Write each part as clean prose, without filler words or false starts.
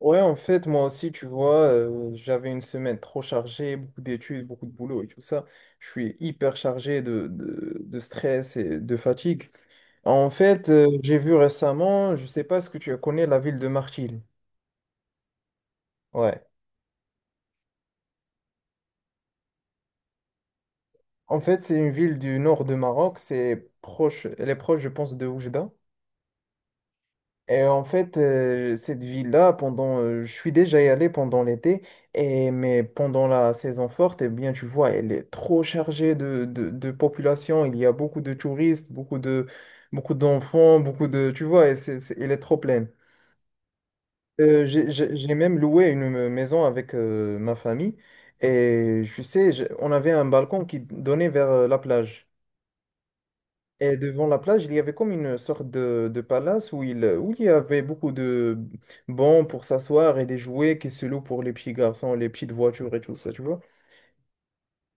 Ouais, en fait, moi aussi, tu vois, j'avais une semaine trop chargée, beaucoup d'études, beaucoup de boulot et tout ça. Je suis hyper chargé de stress et de fatigue. En fait, j'ai vu récemment, je sais pas ce que tu connais, la ville de Martil. Ouais. En fait, c'est une ville du nord de Maroc, elle est proche, je pense, de Oujda. Et en fait, cette ville-là, je suis déjà y allé pendant l'été, et mais pendant la saison forte, eh bien, tu vois, elle est trop chargée de population. Il y a beaucoup de touristes, beaucoup d'enfants, beaucoup de, tu vois, et elle est trop pleine. J'ai même loué une maison avec ma famille, et on avait un balcon qui donnait vers la plage. Et devant la plage, il y avait comme une sorte de palace où il y avait beaucoup de bancs pour s'asseoir et des jouets qui se louent pour les petits garçons, les petites voitures et tout ça, tu vois.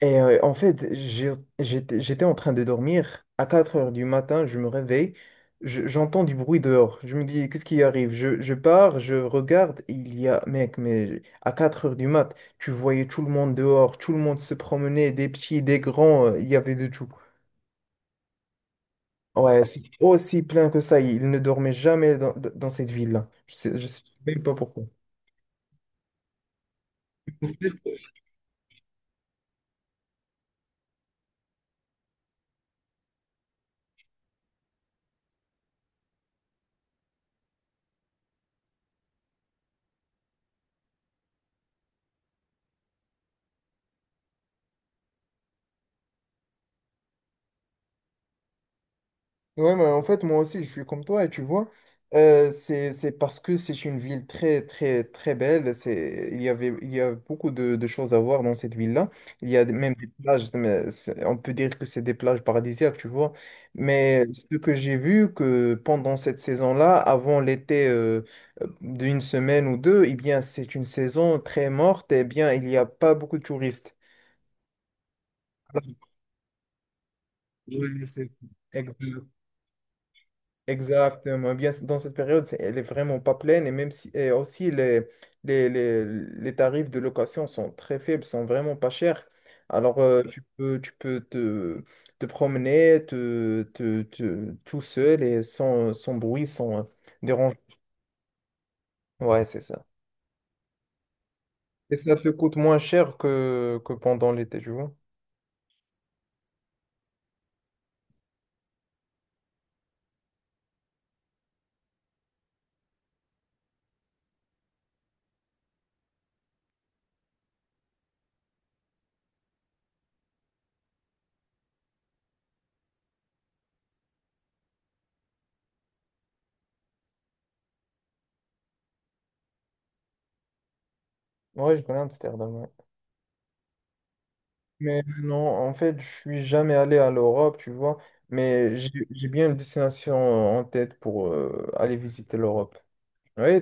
Et en fait, j'étais en train de dormir. À 4 heures du matin, je me réveille, j'entends du bruit dehors. Je me dis, qu'est-ce qui arrive? Je pars, je regarde, il y a, mec, mais à 4 heures du mat, tu voyais tout le monde dehors, tout le monde se promenait, des petits, des grands, il y avait de tout. Ouais, c'est aussi plein que ça. Il ne dormait jamais dans cette ville-là. Je sais même pas pourquoi. Ouais, mais en fait, moi aussi, je suis comme toi, et tu vois, c'est parce que c'est une ville très, très, très belle. C'est, il y avait, il y a beaucoup de choses à voir dans cette ville-là. Il y a même des plages, mais on peut dire que c'est des plages paradisiaques, tu vois. Mais ce que j'ai vu, que pendant cette saison-là, avant l'été d'une semaine ou deux, eh bien, c'est une saison très morte, et bien, il n'y a pas beaucoup de touristes. Ouais, c'est- exact. Exactement. Bien, dans cette période, elle est vraiment pas pleine et même si et aussi les tarifs de location sont très faibles, sont vraiment pas chers. Alors tu peux te promener tout seul et sans bruit, sans dérange. Ouais, c'est ça. Et ça te coûte moins cher que pendant l'été, tu vois. Ouais, je connais Amsterdam. Ouais. Mais non, en fait, je suis jamais allé à l'Europe, tu vois. Mais j'ai bien une destination en tête pour aller visiter l'Europe. Oui.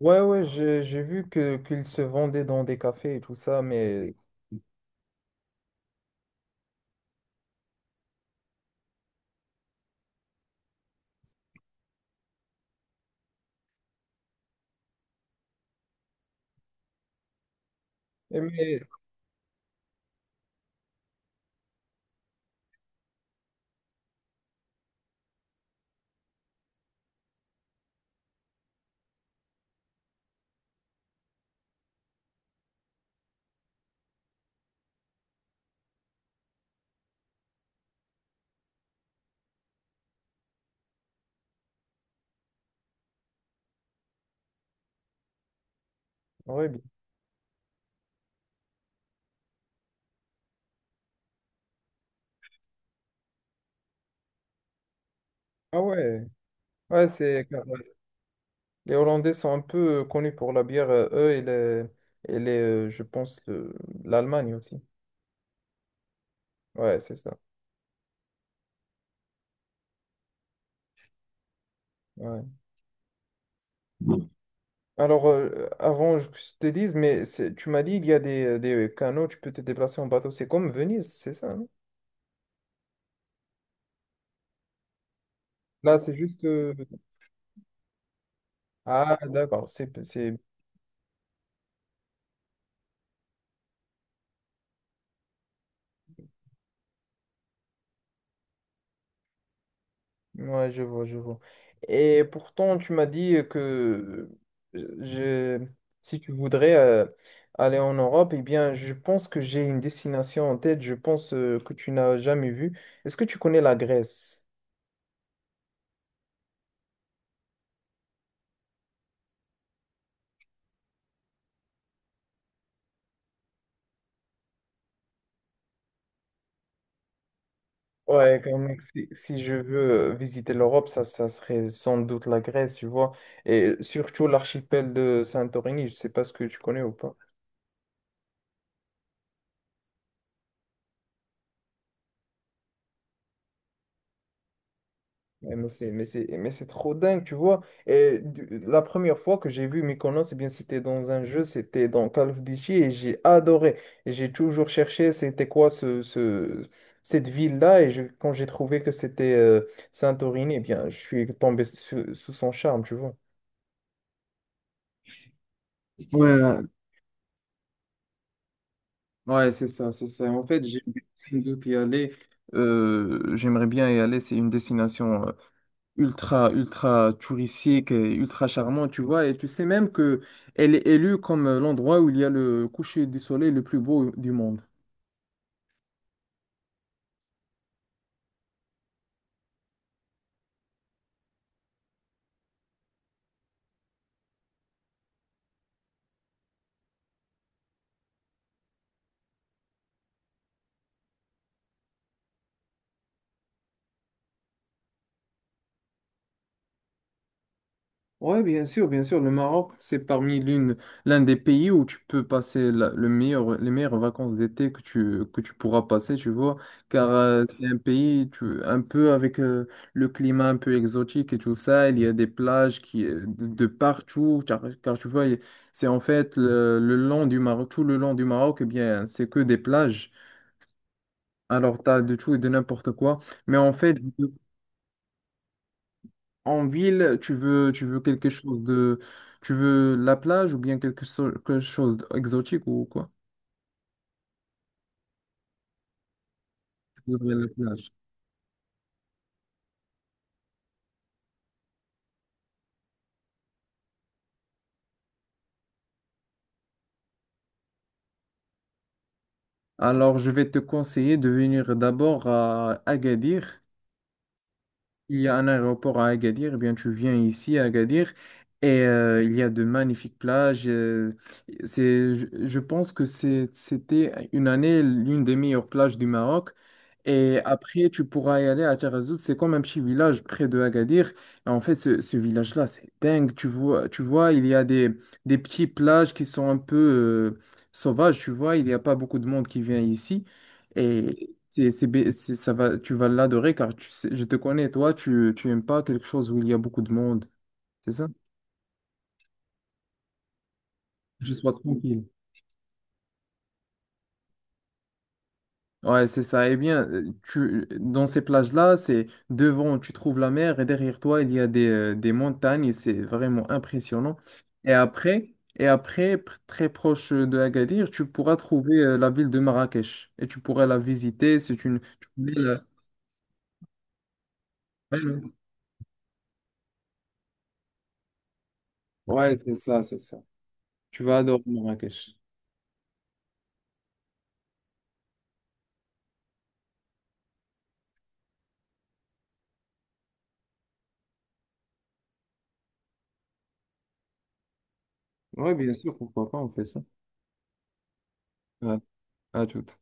Ouais, ouais, j'ai vu que qu'ils se vendaient dans des cafés et tout ça, mais, et mais ouais, bien. Ah ouais, ouais, c'est les Hollandais sont un peu connus pour la bière, eux et les je pense l'Allemagne aussi. Ouais, c'est ça. Ouais. Alors, avant que je te dise, mais tu m'as dit il y a des canaux, tu peux te déplacer en bateau. C'est comme Venise, c'est ça, non? Là, c'est juste. Ah, d'accord, c'est ouais, je vois, je vois. Et pourtant, tu m'as dit que euh, je, si tu voudrais aller en Europe, eh bien, je pense que j'ai une destination en tête, je pense que tu n'as jamais vue. Est-ce que tu connais la Grèce? Ouais, quand même, si je veux visiter l'Europe, ça serait sans doute la Grèce, tu vois. Et surtout l'archipel de Santorini, je sais pas ce que tu connais ou pas. Ouais, mais c'est trop dingue, tu vois. La première fois que j'ai vu Mykonos, eh bien, c'était dans un jeu, c'était dans Call of Duty et j'ai adoré. Et j'ai toujours cherché c'était quoi cette ville-là. Quand j'ai trouvé que c'était Santorini, eh bien, je suis tombé sous son charme, tu vois. Ouais, ouais, c'est ça, c'est ça. En fait, j'ai envie d'y aller. J'aimerais bien y aller. C'est une destination ultra, ultra touristique et ultra charmant, tu vois. Et tu sais même que elle est élue comme l'endroit où il y a le coucher du soleil le plus beau du monde. Ouais, bien sûr, bien sûr. Le Maroc, c'est parmi l'un des pays où tu peux passer le meilleur, les meilleures vacances d'été que tu pourras passer, tu vois, car c'est un pays tu, un peu avec le climat un peu exotique et tout ça. Il y a des plages qui, de partout, car tu vois, c'est en fait le long du Maroc, tout le long du Maroc, eh bien, c'est que des plages. Alors, tu as de tout et de n'importe quoi. Mais en fait, en ville, tu veux quelque chose de... Tu veux la plage ou bien quelque chose d'exotique ou quoi? Tu voudrais la plage. Alors, je vais te conseiller de venir d'abord à Agadir. Il y a un aéroport à Agadir, eh bien tu viens ici à Agadir et il y a de magnifiques plages. Euh, je pense que c'était une année l'une des meilleures plages du Maroc. Et après, tu pourras y aller à Taghazout. C'est comme un petit village près de Agadir. Et en fait, ce village-là, c'est dingue. Tu vois, il y a des petites plages qui sont un peu sauvages. Tu vois, il n'y a pas beaucoup de monde qui vient ici. Et ça va, tu vas l'adorer car je te connais, toi, tu aimes pas quelque chose où il y a beaucoup de monde, c'est ça? Je sois tranquille. Ouais, c'est ça. Eh bien, dans ces plages-là, c'est devant, tu trouves la mer et derrière toi, il y a des montagnes et c'est vraiment impressionnant. Et après, très proche de Agadir, tu pourras trouver la ville de Marrakech et tu pourras la visiter. Tu connais ouais, ouais. Ouais, c'est ça, c'est ça. Tu vas adorer Marrakech. Ouais, bien sûr, pourquoi pas, on fait ça. À, à toute.